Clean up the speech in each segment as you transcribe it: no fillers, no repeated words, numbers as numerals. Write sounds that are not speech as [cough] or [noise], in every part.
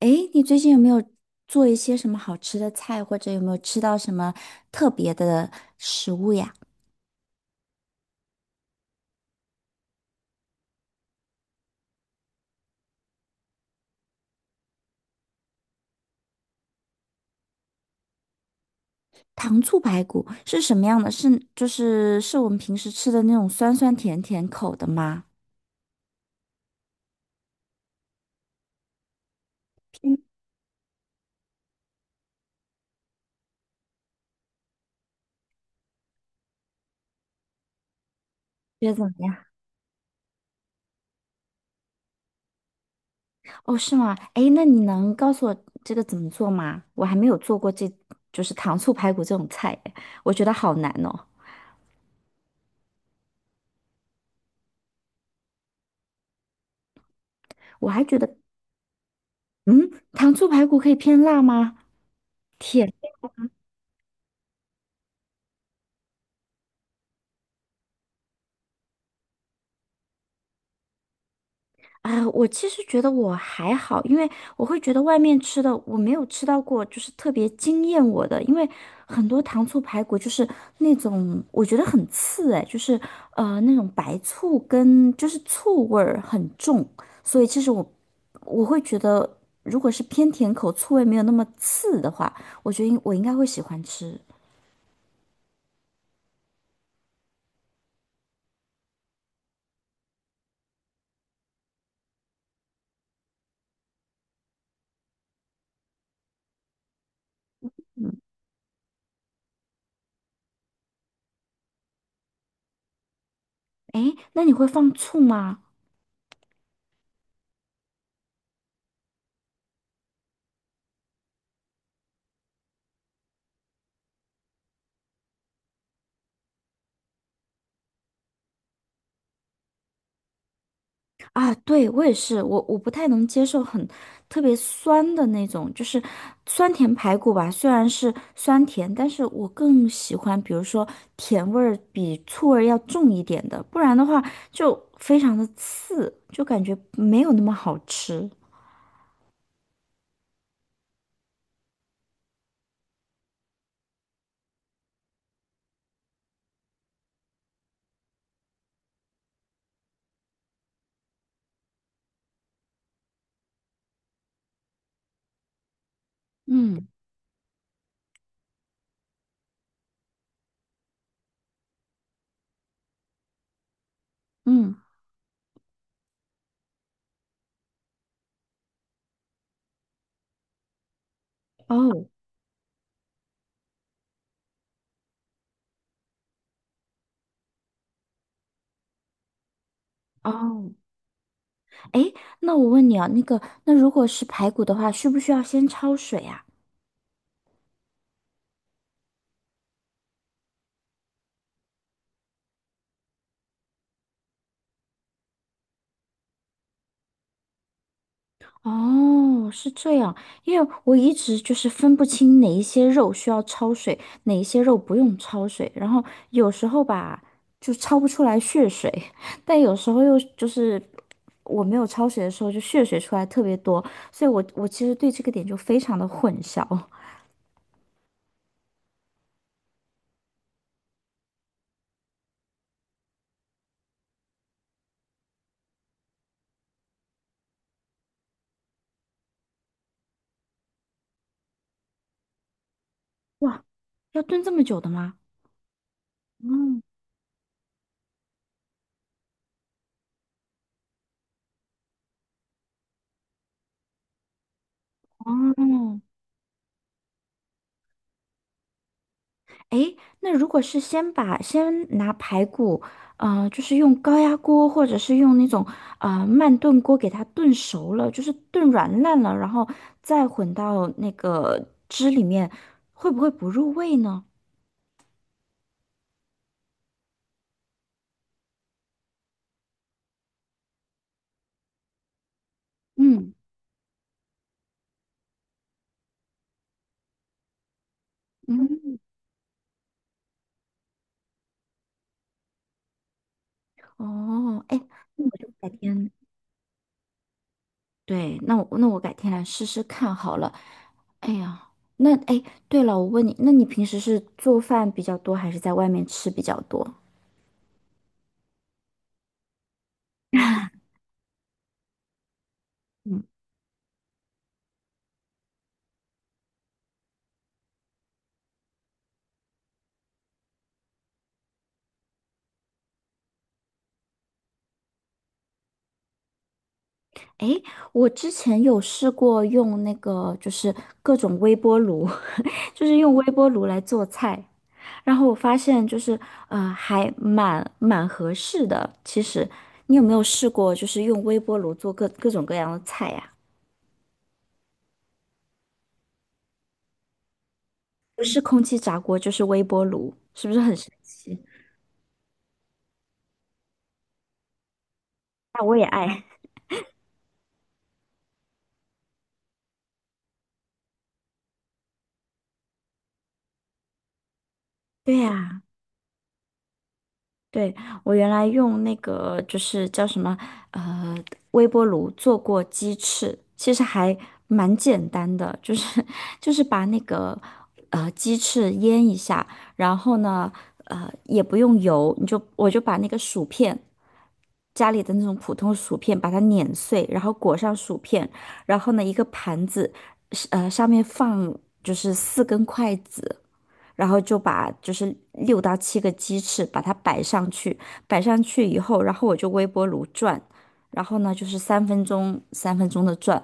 诶，你最近有没有做一些什么好吃的菜，或者有没有吃到什么特别的食物呀？糖醋排骨是什么样的？是就是我们平时吃的那种酸酸甜甜口的吗？觉得怎么样？哦，是吗？诶，那你能告诉我这个怎么做吗？我还没有做过这，就是糖醋排骨这种菜耶，我觉得好难哦。我还觉得，嗯，糖醋排骨可以偏辣吗？甜。啊，我其实觉得我还好，因为我会觉得外面吃的我没有吃到过，就是特别惊艳我的，因为很多糖醋排骨就是那种我觉得很刺哎，就是那种白醋跟就是醋味儿很重，所以其实我会觉得如果是偏甜口，醋味没有那么刺的话，我觉得我应该会喜欢吃。嗯，哎，那你会放醋吗？啊，对，我也是，我不太能接受很特别酸的那种，就是酸甜排骨吧。虽然是酸甜，但是我更喜欢，比如说甜味儿比醋味儿要重一点的，不然的话就非常的刺，就感觉没有那么好吃。嗯嗯，哦哦，哎，那我问你啊，那个，那如果是排骨的话，需不需要先焯水啊？哦，是这样，因为我一直就是分不清哪一些肉需要焯水，哪一些肉不用焯水，然后有时候吧就焯不出来血水，[laughs] 但有时候又就是我没有焯水的时候就血水出来特别多，所以我其实对这个点就非常的混淆。哇，要炖这么久的吗？嗯，哦，诶，那如果是先拿排骨，就是用高压锅或者是用那种慢炖锅给它炖熟了，就是炖软烂了，然后再混到那个汁里面，会不会不入味呢？嗯嗯，哦，哎，那我就改天，对，那我改天来试试看好了。哎呀，那哎，对了，我问你，那你平时是做饭比较多，还是在外面吃比较多？[laughs] 嗯诶，我之前有试过用那个，就是各种微波炉，[laughs] 就是用微波炉来做菜，然后我发现就是，还蛮合适的。其实，你有没有试过，就是用微波炉做各种各样的菜呀、不是空气炸锅，就是微波炉，是不是很神奇？那我也爱。对呀、对，我原来用那个就是叫什么呃微波炉做过鸡翅，其实还蛮简单的，就是 [laughs] 就是把那个鸡翅腌一下，然后呢也不用油，我就把那个薯片家里的那种普通薯片把它碾碎，然后裹上薯片，然后呢一个盘子是上面放就是4根筷子，然后就把就是6到7个鸡翅把它摆上去，摆上去以后，然后我就微波炉转，然后呢就是3分钟3分钟的转，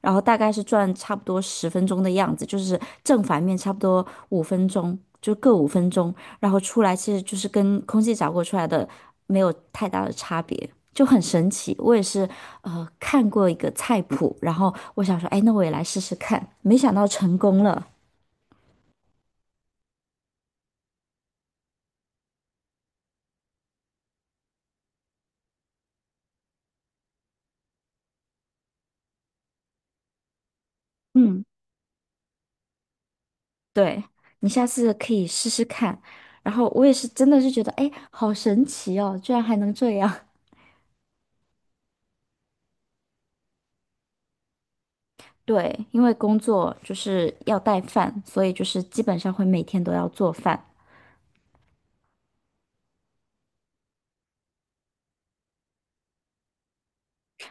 然后大概是转差不多10分钟的样子，就是正反面差不多五分钟，就各五分钟，然后出来其实就是跟空气炸锅出来的没有太大的差别。就很神奇，我也是，看过一个菜谱，然后我想说，哎，那我也来试试看，没想到成功了。嗯。对，你下次可以试试看。然后我也是真的是觉得，哎，好神奇哦，居然还能这样。[laughs] 对，因为工作就是要带饭，所以就是基本上会每天都要做饭。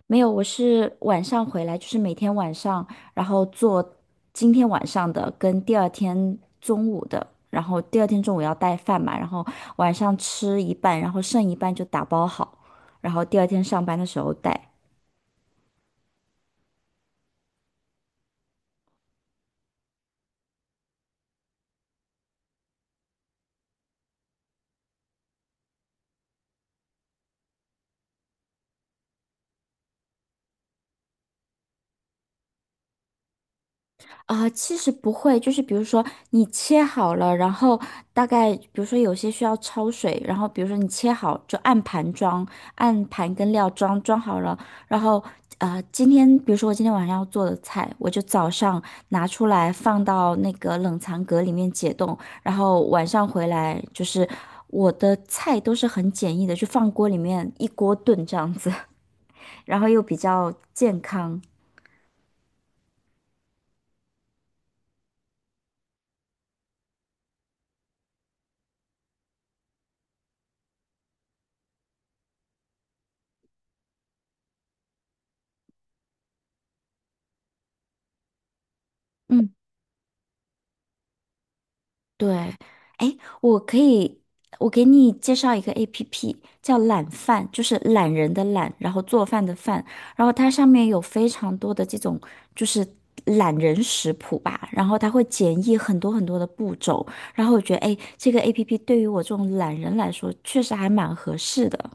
没有，我是晚上回来，就是每天晚上，然后做今天晚上的跟第二天中午的，然后第二天中午要带饭嘛，然后晚上吃一半，然后剩一半就打包好，然后第二天上班的时候带。啊，其实不会，就是比如说你切好了，然后大概比如说有些需要焯水，然后比如说你切好就按盘装，按盘跟料装好了，然后今天比如说我今天晚上要做的菜，我就早上拿出来放到那个冷藏格里面解冻，然后晚上回来就是我的菜都是很简易的，就放锅里面一锅炖这样子，[laughs] 然后又比较健康。嗯。对，哎，我可以，我给你介绍一个 APP，叫懒饭，就是懒人的懒，然后做饭的饭，然后它上面有非常多的这种就是懒人食谱吧，然后它会简易很多很多的步骤，然后我觉得，哎，这个 APP 对于我这种懒人来说，确实还蛮合适的。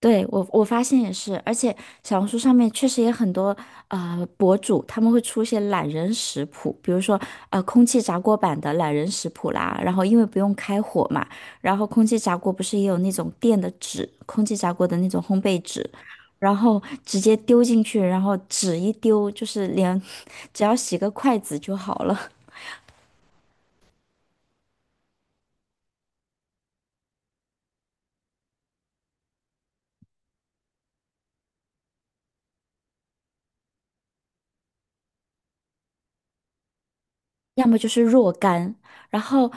对，我发现也是，而且小红书上面确实也很多博主，他们会出一些懒人食谱，比如说空气炸锅版的懒人食谱啦，然后因为不用开火嘛，然后空气炸锅不是也有那种垫的纸，空气炸锅的那种烘焙纸，然后直接丢进去，然后纸一丢，就是连 [laughs] 只要洗个筷子就好了。要么就是若干，然后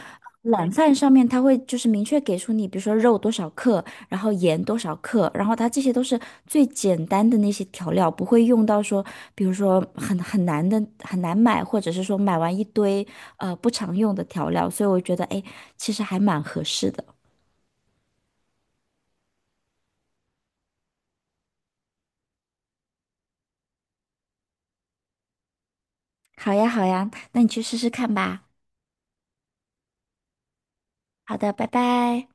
懒饭上面它会就是明确给出你，比如说肉多少克，然后盐多少克，然后它这些都是最简单的那些调料，不会用到说，比如说很难的很难买，或者是说买完一堆不常用的调料，所以我觉得哎，诶其实还蛮合适的。好呀，好呀，那你去试试看吧。好的，拜拜。